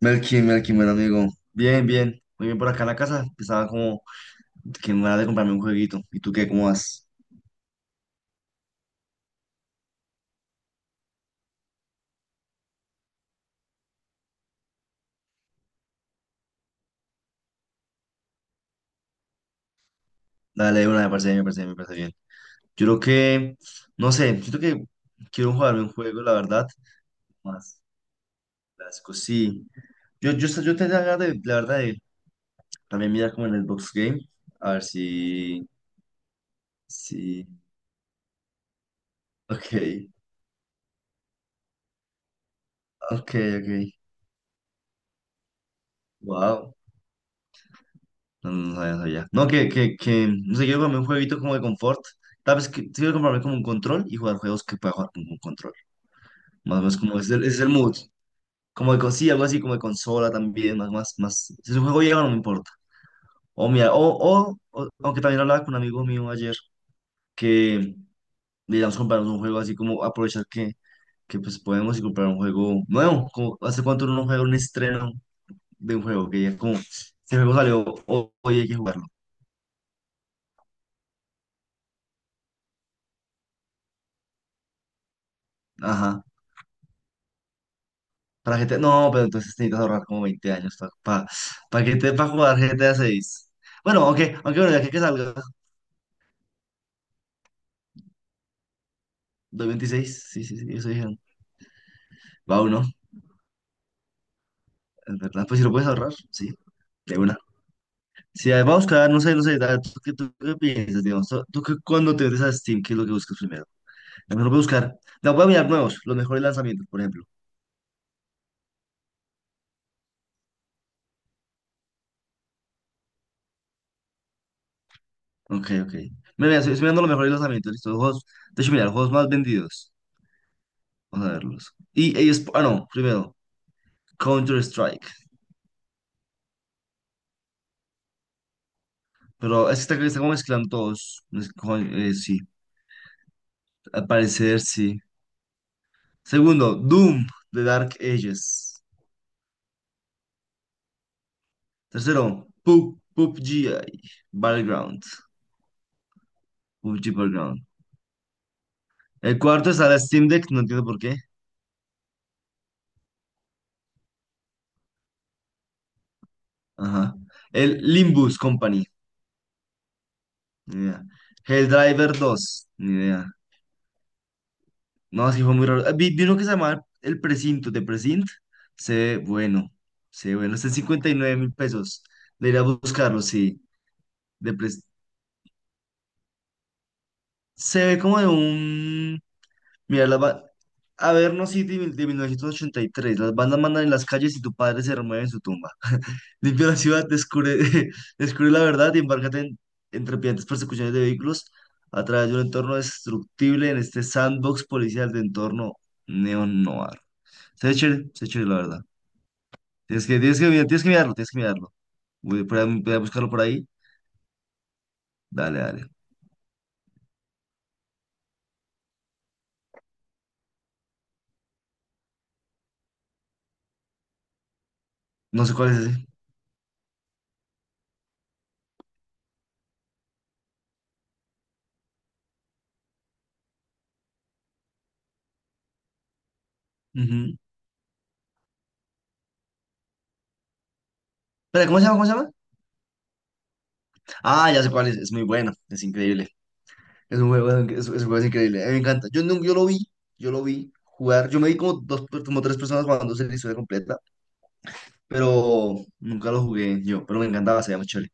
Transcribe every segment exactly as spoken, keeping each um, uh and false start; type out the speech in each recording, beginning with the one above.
Melkin, Melkin, buen amigo. Bien, bien. Muy bien por acá en la casa. Estaba como que me van de comprarme un jueguito. ¿Y tú qué? ¿Cómo vas? Dale, de una, me parece bien, me parece bien, me parece bien. Yo creo que, no sé, siento que quiero jugarme un juego, la verdad. Más clásico, sí. Yo, yo, yo tenía ganas de, la verdad, de también mirar como en el box Game. A ver si, si. Ok, ok, ok. Wow. No, no sabía, no sabía. No, que, que, que, no sé, quiero comprarme un jueguito como de confort. Tal vez que, quiero comprarme como un control y jugar juegos que pueda jugar con un control. Más o menos como ese es el, ese es el mood. Como de, con- sí, algo así como de consola también, más, más, más. Si es un juego llega, no me importa. O mira, o, o, o- aunque también hablaba con un amigo mío ayer que, digamos, comprarnos un juego así como aprovechar que, que pues podemos y comprar un juego nuevo. Como, ¿hace cuánto uno no juega un estreno de un juego? Que ya como, este juego salió, ho- hoy hay que jugarlo. Ajá. Para G T A, no, pero entonces necesitas ahorrar como veinte años para para que te para jugar G T A seis. Bueno, aunque, aunque bueno, ya que, que salga dos veintiséis, sí, sí, sí, eso dijeron. Va uno, es verdad. Pues si lo puedes ahorrar, sí, de una. Si va a buscar, no sé, no sé, da- ¿tú, qué, tú qué piensas, digamos? ¿Tú, tú qué- cuando te metes a Steam, qué es lo que buscas primero? A mí no voy a buscar, no, voy a mirar nuevos, los mejores lanzamientos, por ejemplo. Ok, ok. Mira, mira, estoy, estoy mirando los mejores lanzamientos, listo, juegos, de hecho, mira, los juegos más vendidos. Vamos a verlos. Y, y es- ah, no, primero, Counter-Strike. Pero es que está, está como mezclando todos. Mez- co- eh, sí, al parecer sí. Segundo, Doom de Dark Ages. Tercero, Pub- P U B G Battleground. P U B G Battleground. El cuarto está la Steam Deck, no entiendo por qué. Ajá. El Limbus Company. Ni idea. Helldriver Dos. Ni idea. No, es fue muy raro. Ah, Vi, vi uno que se llamaba El Precinto de Precint. Se ve bueno. Se ve bueno. Está en cincuenta y nueve mil pesos. Debería buscarlo, sí. De Pre- Se ve como de un... Mira, las ba- Averno City mil- de mil novecientos ochenta y tres. Las bandas mandan en las calles y tu padre se remueve en su tumba. Limpia la ciudad, descubre, descubre la verdad y embárcate en, en trepidantes persecuciones de vehículos a través de un entorno destructible en este sandbox policial de entorno neo-noir. Se ve chévere, se ve chévere, la verdad. Tienes que, tienes que, mirar- tienes que mirarlo, tienes que mirarlo. Voy a, por ahí- voy a buscarlo por ahí. Dale, dale. No sé cuál es ese. Ujú. Espera, ¿cómo se llama? ¿Cómo se llama? Ah, ya sé cuál es. Es muy bueno, es increíble. Es un juego, es, es un juego increíble. A mí me encanta. Yo, nunca- yo lo vi, yo lo vi jugar. Yo me vi como dos, como tres personas jugando la historia completa, pero nunca lo jugué yo. Pero me encantaba, se llama Chole.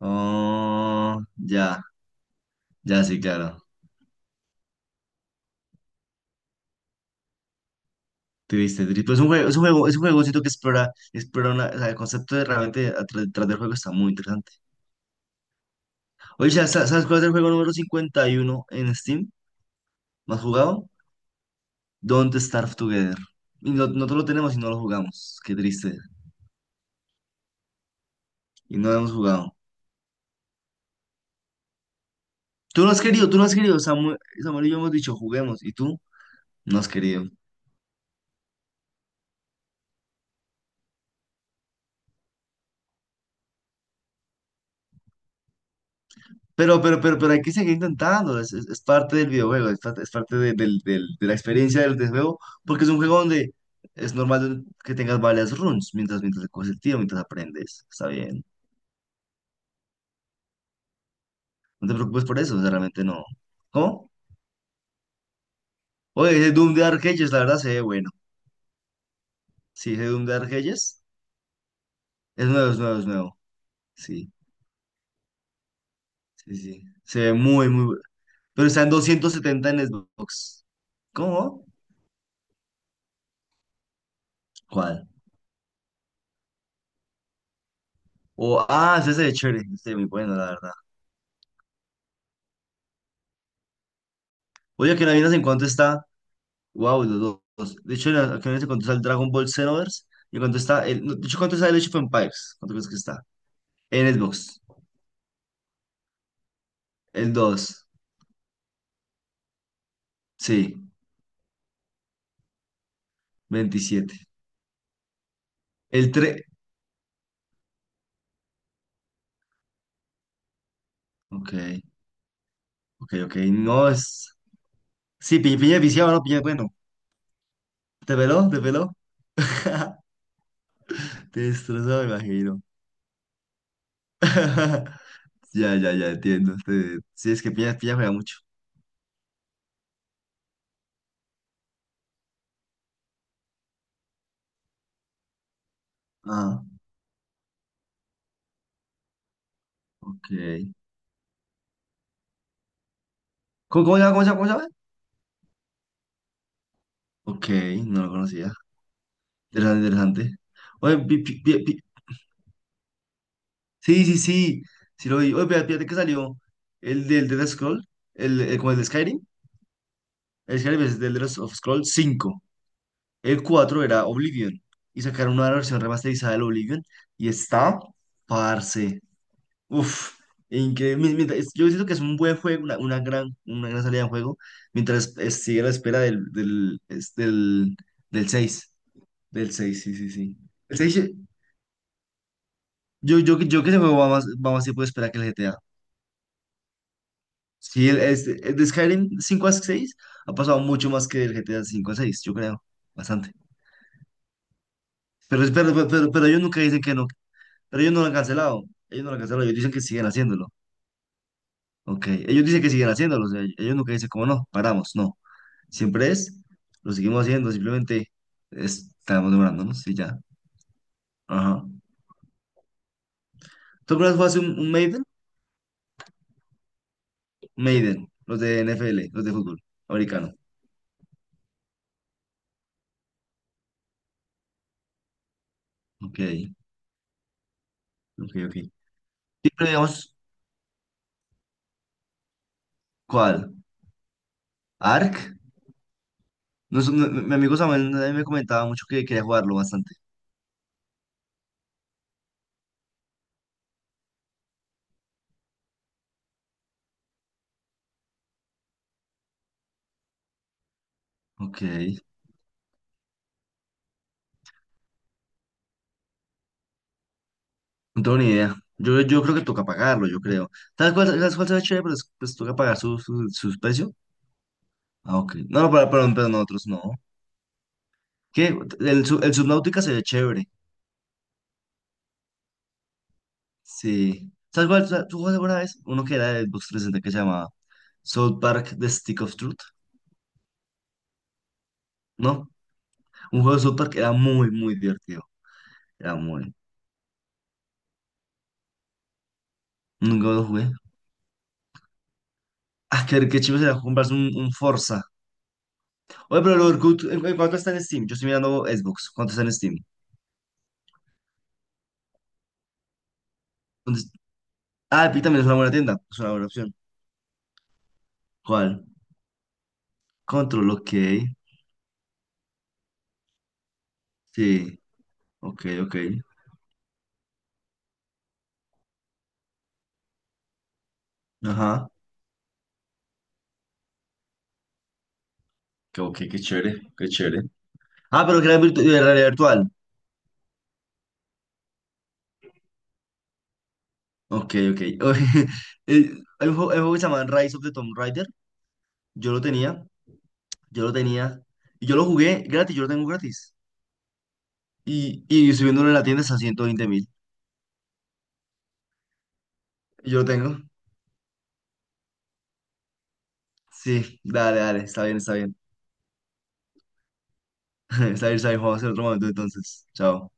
Oh, ya, ya sí, claro. Triste, triste. Pero es un juego, es un juego, es un juego, siento que explora, explora una- o sea, el concepto de realmente atrás, detrás del juego está muy interesante. Oye, ¿sabes sabes cuál es el juego número cincuenta y uno en Steam? ¿Más jugado? Don't Starve Together. Y no, nosotros lo tenemos y no lo jugamos. Qué triste. Y no lo hemos jugado. Tú no has querido, tú no has querido. Samuel, Samuel y yo hemos dicho, juguemos, y tú no has querido. Pero, pero, pero, pero hay que seguir intentando. Es, es- es parte del videojuego, es parte, es parte de, del- del- de la experiencia del, del juego, porque es un juego donde es normal que tengas varias runs mientras, mientras coges el tiro, mientras aprendes. Está bien. No te preocupes por eso, o sea, realmente no. ¿Cómo? Oye, ese Doom de Arcades, la verdad se ve bueno. Sí, ese Doom de Arcades es nuevo, es nuevo, es nuevo. Sí, sí, sí. Se ve muy, muy bueno. Pero está en doscientos setenta en Xbox. ¿Cómo? ¿Cuál? O- ah, ese es de chévere, este es muy bueno, la verdad. Oye, que no miras en cuánto está. Wow, los dos. De hecho, la- que no miras en cuánto está el Dragon Ball Xenoverse y en cuánto está el. No, de hecho, ¿cuánto está el Age of Empires? ¿Cuánto crees que está? En Xbox. El dos. Sí. Veintisiete. El tres. Ok, ok, ok. No es. Sí, piña, piña viciado, ¿no? Piña, bueno. ¿Te peló? ¿Te peló? Te destrozó, me imagino. Ya, ya, ya, entiendo. Te- Sí, es que piña, piña juega mucho. Ah, ok. ¿Cómo, cómo se llama? ¿Cómo se llama? Ok, no lo conocía. Interesante, interesante. Oye, pi- pi- pi- pi- sí, sí, sí, sí lo vi. Oye, fíjate fíjate que salió el del Dead Scroll, el, el, como el de Skyrim. El Skyrim es del Dead of Scroll cinco. El cuatro era Oblivion. Y sacaron una versión remasterizada del Oblivion. Y está, parce. Uf, increíble. Mi- mientras- es- Yo siento que es un buen juego, una, una gran, una gran salida de juego. Mientras es- sigue a la espera del, del, es del, del seis. Del seis, sí, sí, sí. Yo, yo, yo que ese juego va más, va más tiempo de espera que el G T A. Sí, el, este- el de Skyrim cinco a seis ha pasado mucho más que el G T a cinco a seis yo creo. Bastante. Pero, es- pero, pero, pero- pero ellos nunca dicen que no. Pero ellos no lo han cancelado. Ellos no lo han cancelado. Ellos dicen que siguen haciéndolo. Ok. Ellos dicen que siguen haciéndolo. O sea, ellos nunca dicen como no, paramos. No. Siempre es, lo seguimos haciendo. Simplemente estamos demorándonos y ya. Ajá. ¿Tú alguna vez jugaste un, un Maiden? Maiden. Los de N F L, los de fútbol americano. Ok. Ok, ok. Sí, pero digamos. ¿Cuál? ¿Ark? No, es- no- mi amigo Samuel eh, me comentaba mucho que quería jugarlo bastante. Ok, no tengo ni idea. Yo, yo creo que toca pagarlo, yo creo. ¿Sabes cuál, sabes cuál se ve chévere? Pero es- pues toca pagar su, su, su precio. Ah, ok. No, no, pero, pero, pero nosotros no. ¿Qué? El, Sub- el Subnautica se ve chévere. Sí. ¿Sabes cuál? Sa- ¿Tú jugaste alguna vez? Uno que era de Xbox trescientos sesenta que se llamaba South Park The Stick of Truth, ¿no? Un juego de South Park que era muy, muy divertido. Era muy... Nunca lo jugué. Ah, qué, qué chido sería comprarse un, un Forza. Oye, pero el Orkut, ¿en cu- en cuánto está en Steam? Yo estoy mirando Xbox, ¿cuánto está en Steam? ¿Dónde Ah, Epic también es una buena tienda, es una buena opción. ¿Cuál? Control, ok. Sí, ok, ok. Ajá. Qué, ok, qué chévere, qué chévere. Ah, pero que era virtu- de realidad virtual. Ok, ok. Eh, Hay un juego, hay un juego que se llama Rise of the Tomb Raider. Yo lo tenía, yo lo tenía. Y yo lo jugué gratis, yo lo tengo gratis. Y, y subiéndolo en la tienda está a ciento veinte mil. Yo lo tengo. Sí, dale, dale, está bien, está bien. Está bien, vamos a hacer otro momento entonces. Chao.